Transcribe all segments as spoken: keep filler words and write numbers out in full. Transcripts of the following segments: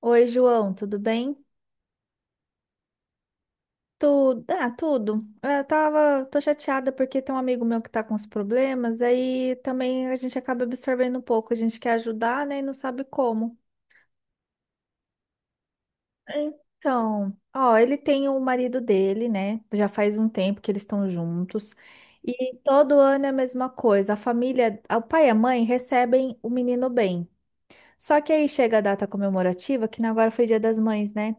Oi, João, tudo bem? Tudo, ah, tudo. É, eu tava, tô chateada porque tem um amigo meu que tá com os problemas, aí também a gente acaba absorvendo um pouco, a gente quer ajudar, né, e não sabe como. Então, ó, ele tem o marido dele, né? Já faz um tempo que eles estão juntos. E todo ano é a mesma coisa. A família, o pai e a mãe recebem o menino bem. Só que aí chega a data comemorativa, que agora foi Dia das Mães, né?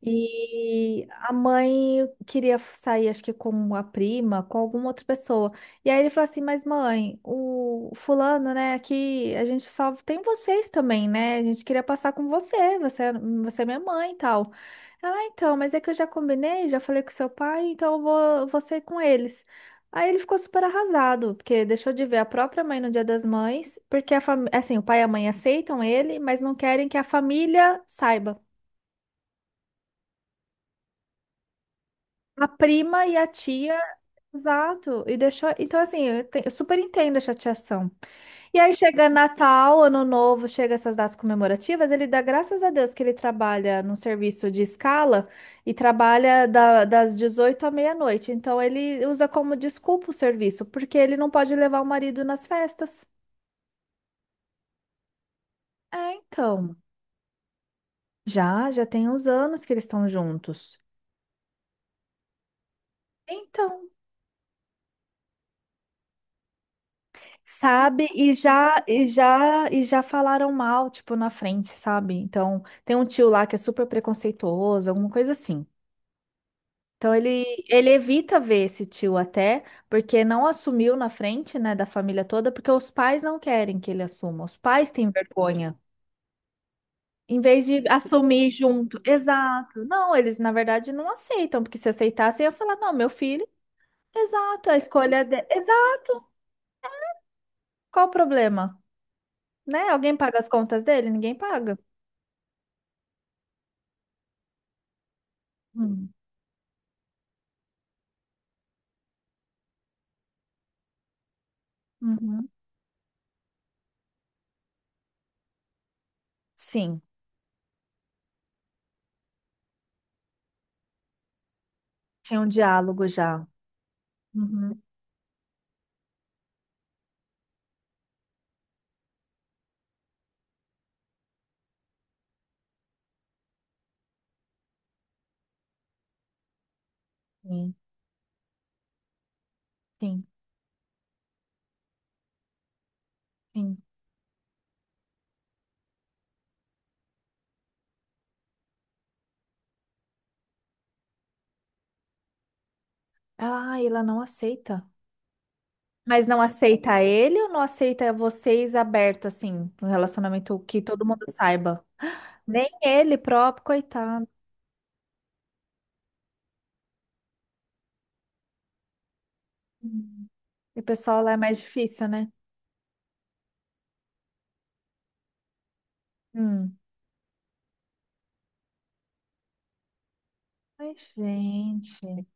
E a mãe queria sair, acho que com a prima, com alguma outra pessoa. E aí ele falou assim: Mas mãe, o fulano, né? Aqui a gente só tem vocês também, né? A gente queria passar com você, você, você é minha mãe e tal. Ela, "Ah, então, mas é que eu já combinei, já falei com seu pai, então eu vou, vou ser com eles. Aí ele ficou super arrasado, porque deixou de ver a própria mãe no Dia das Mães, porque a fami- assim, o pai e a mãe aceitam ele, mas não querem que a família saiba. A prima e a tia, exato, e deixou. Então, assim, eu, te- eu super entendo a chateação. E aí chega Natal, Ano Novo, chega essas datas comemorativas, ele dá graças a Deus que ele trabalha num serviço de escala e trabalha da- das dezoito à meia-noite. Então, ele usa como desculpa o serviço, porque ele não pode levar o marido nas festas. É, então, já, já tem uns anos que eles estão juntos. Então, sabe? E já, e já, e já falaram mal, tipo, na frente, sabe? Então, tem um tio lá que é super preconceituoso, alguma coisa assim. Então, ele, ele evita ver esse tio até, porque não assumiu na frente, né, da família toda, porque os pais não querem que ele assuma. Os pais têm vergonha. Em vez de assumir junto. Exato. Não, eles, na verdade, não aceitam, porque se aceitassem, ia falar, não, meu filho. Exato, a escolha dele. Exato, qual o problema? Né? Alguém paga as contas dele? Ninguém paga. Hum, uhum. Sim, tinha um diálogo já. Uhum. Sim, sim, sim. Ah, ela não aceita. Mas não aceita ele ou não aceita vocês aberto, assim, um relacionamento que todo mundo saiba? Nem ele próprio, coitado. Hum. E o pessoal lá é mais difícil, né? Hum. Ai, gente. E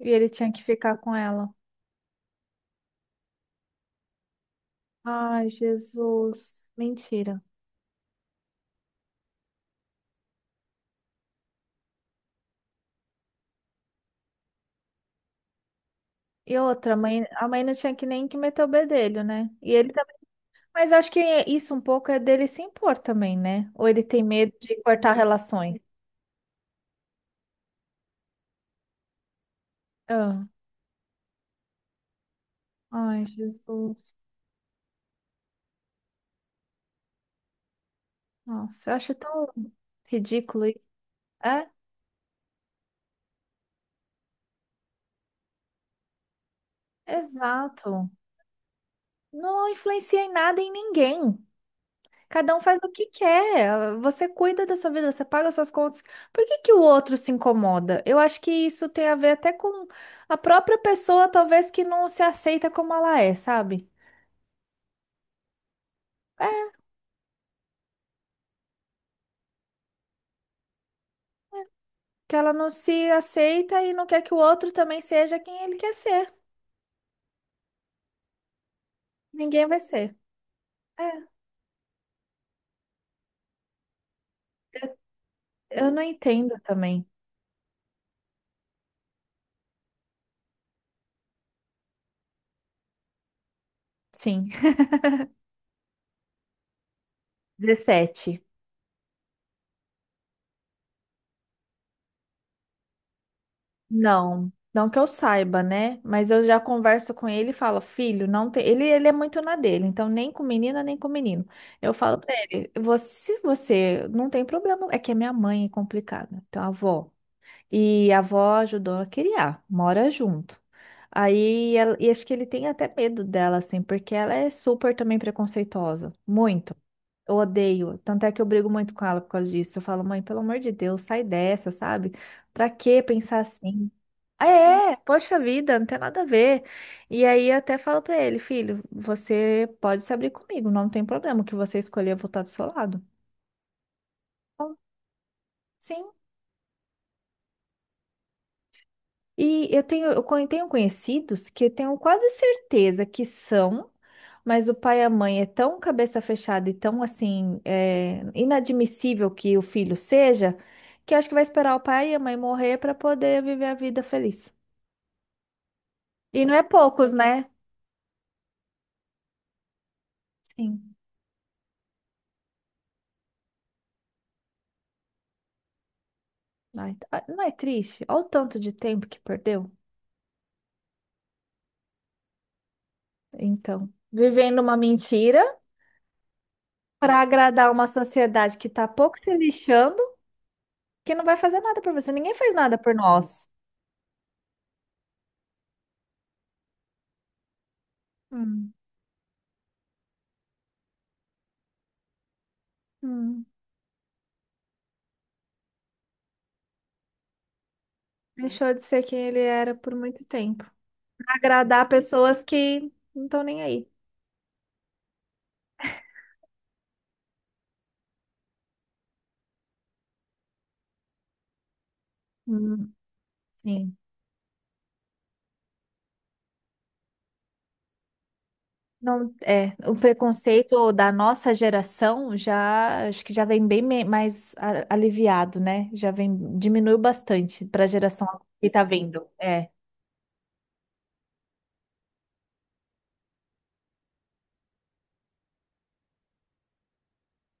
ele tinha que ficar com ela. Ai, Jesus. Mentira. E outra, a mãe, a mãe não tinha que nem que meter o bedelho, né? E ele também. Mas acho que isso um pouco é dele se impor também, né? Ou ele tem medo de cortar relações. Ah, Ai, Jesus. Nossa, eu acho tão ridículo isso. É, exato. Não influencia em nada em ninguém. Cada um faz o que quer. Você cuida da sua vida, você paga suas contas. Por que que o outro se incomoda? Eu acho que isso tem a ver até com a própria pessoa, talvez, que não se aceita como ela é, sabe? Que ela não se aceita e não quer que o outro também seja quem ele quer ser. Ninguém vai ser. É, eu, eu não entendo também. Sim. Dezessete. Não. Não que eu saiba, né? Mas eu já converso com ele e falo, filho, não tem. Ele, ele é muito na dele, então nem com menina, nem com menino. Eu falo pra ele, você, se você não tem problema. É que a minha mãe é complicada. Então, a avó. E a avó ajudou a criar, mora junto. Aí, ela- e acho que ele tem até medo dela, assim, porque ela é super também preconceituosa. Muito. Eu odeio. Tanto é que eu brigo muito com ela por causa disso. Eu falo, mãe, pelo amor de Deus, sai dessa, sabe? Pra que pensar assim? Ah, é, poxa vida, não tem nada a ver. E aí, eu até falo pra ele, filho, você pode se abrir comigo, não tem problema. O que você escolher, eu vou estar do seu lado. Então, sim. E eu tenho, eu con- tenho conhecidos que eu tenho quase certeza que são, mas o pai e a mãe é tão cabeça fechada e tão assim, é, inadmissível que o filho seja, que acho que vai esperar o pai e a mãe morrer para poder viver a vida feliz. E não é poucos, né? Sim. Ai, ah, não é triste? Olha o tanto de tempo que perdeu. Então, vivendo uma mentira para agradar uma sociedade que tá pouco se lixando, que não vai fazer nada por você. Ninguém faz nada por nós. Hum. Hum. Deixou de ser quem ele era por muito tempo. Agradar pessoas que não estão nem aí. Hum, sim. Não, é, o preconceito da nossa geração já, acho que já vem bem me- mais a- aliviado, né? Já vem, diminuiu bastante para a geração que tá vindo. É,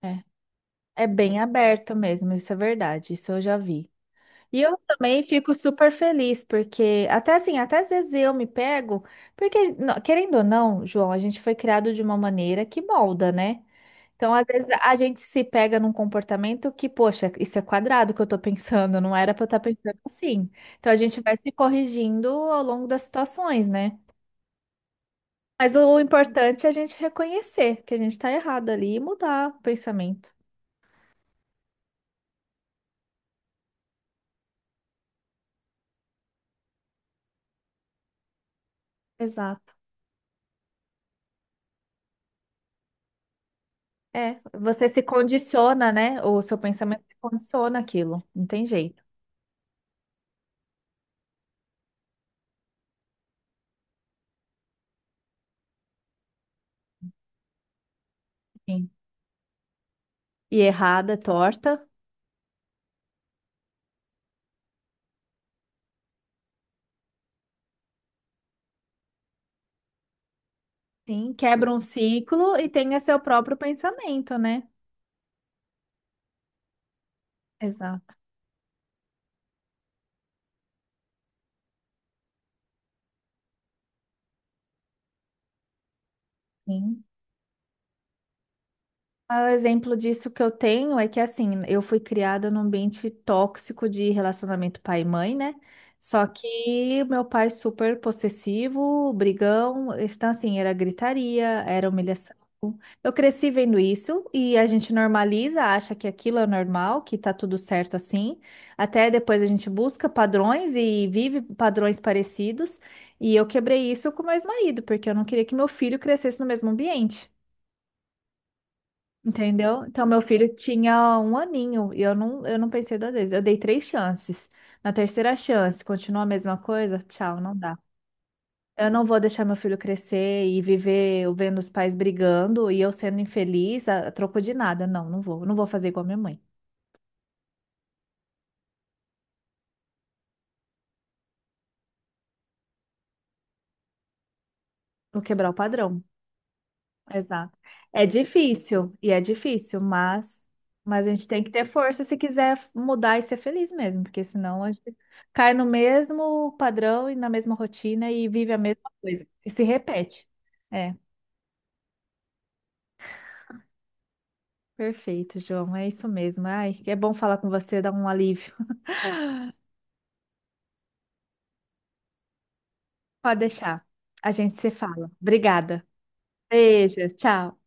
é. É bem aberto mesmo, isso é verdade, isso eu já vi. E eu também fico super feliz, porque até assim, até às vezes eu me pego, porque, no- querendo ou não, João, a gente foi criado de uma maneira que molda, né? Então, às vezes, a gente se pega num comportamento que, poxa, isso é quadrado que eu tô pensando, não era pra eu estar pensando assim. Então, a gente vai se corrigindo ao longo das situações, né? Mas o importante é a gente reconhecer que a gente tá errado ali e mudar o pensamento. Exato. É, você se condiciona, né? O seu pensamento se condiciona aquilo, não tem jeito. Sim, e errada, torta. Sim, quebra um ciclo e tenha seu próprio pensamento, né? Exato. Sim. Ah, o exemplo disso que eu tenho é que, assim, eu fui criada num ambiente tóxico de relacionamento pai e mãe, né? Só que meu pai super possessivo, brigão, então, assim, era gritaria, era humilhação. Eu cresci vendo isso e a gente normaliza, acha que aquilo é normal, que tá tudo certo assim. Até depois a gente busca padrões e vive padrões parecidos. E eu quebrei isso com meu ex-marido, porque eu não queria que meu filho crescesse no mesmo ambiente. Entendeu? Então, meu filho tinha um aninho e eu não, eu não pensei duas vezes. Eu dei três chances. Na terceira chance, continua a mesma coisa? Tchau, não dá. Eu não vou deixar meu filho crescer e viver eu vendo os pais brigando e eu sendo infeliz a, a troco de nada. Não, não vou. Não vou fazer igual a minha mãe. Vou quebrar o padrão. Exato. É difícil, e é difícil, mas, mas a gente tem que ter força se quiser mudar e ser feliz mesmo, porque senão a gente cai no mesmo padrão e na mesma rotina e vive a mesma coisa, e se repete. É, perfeito, João, é isso mesmo. Ai, é bom falar com você, dá um alívio. Pode deixar, a gente se fala. Obrigada. Beijo, tchau.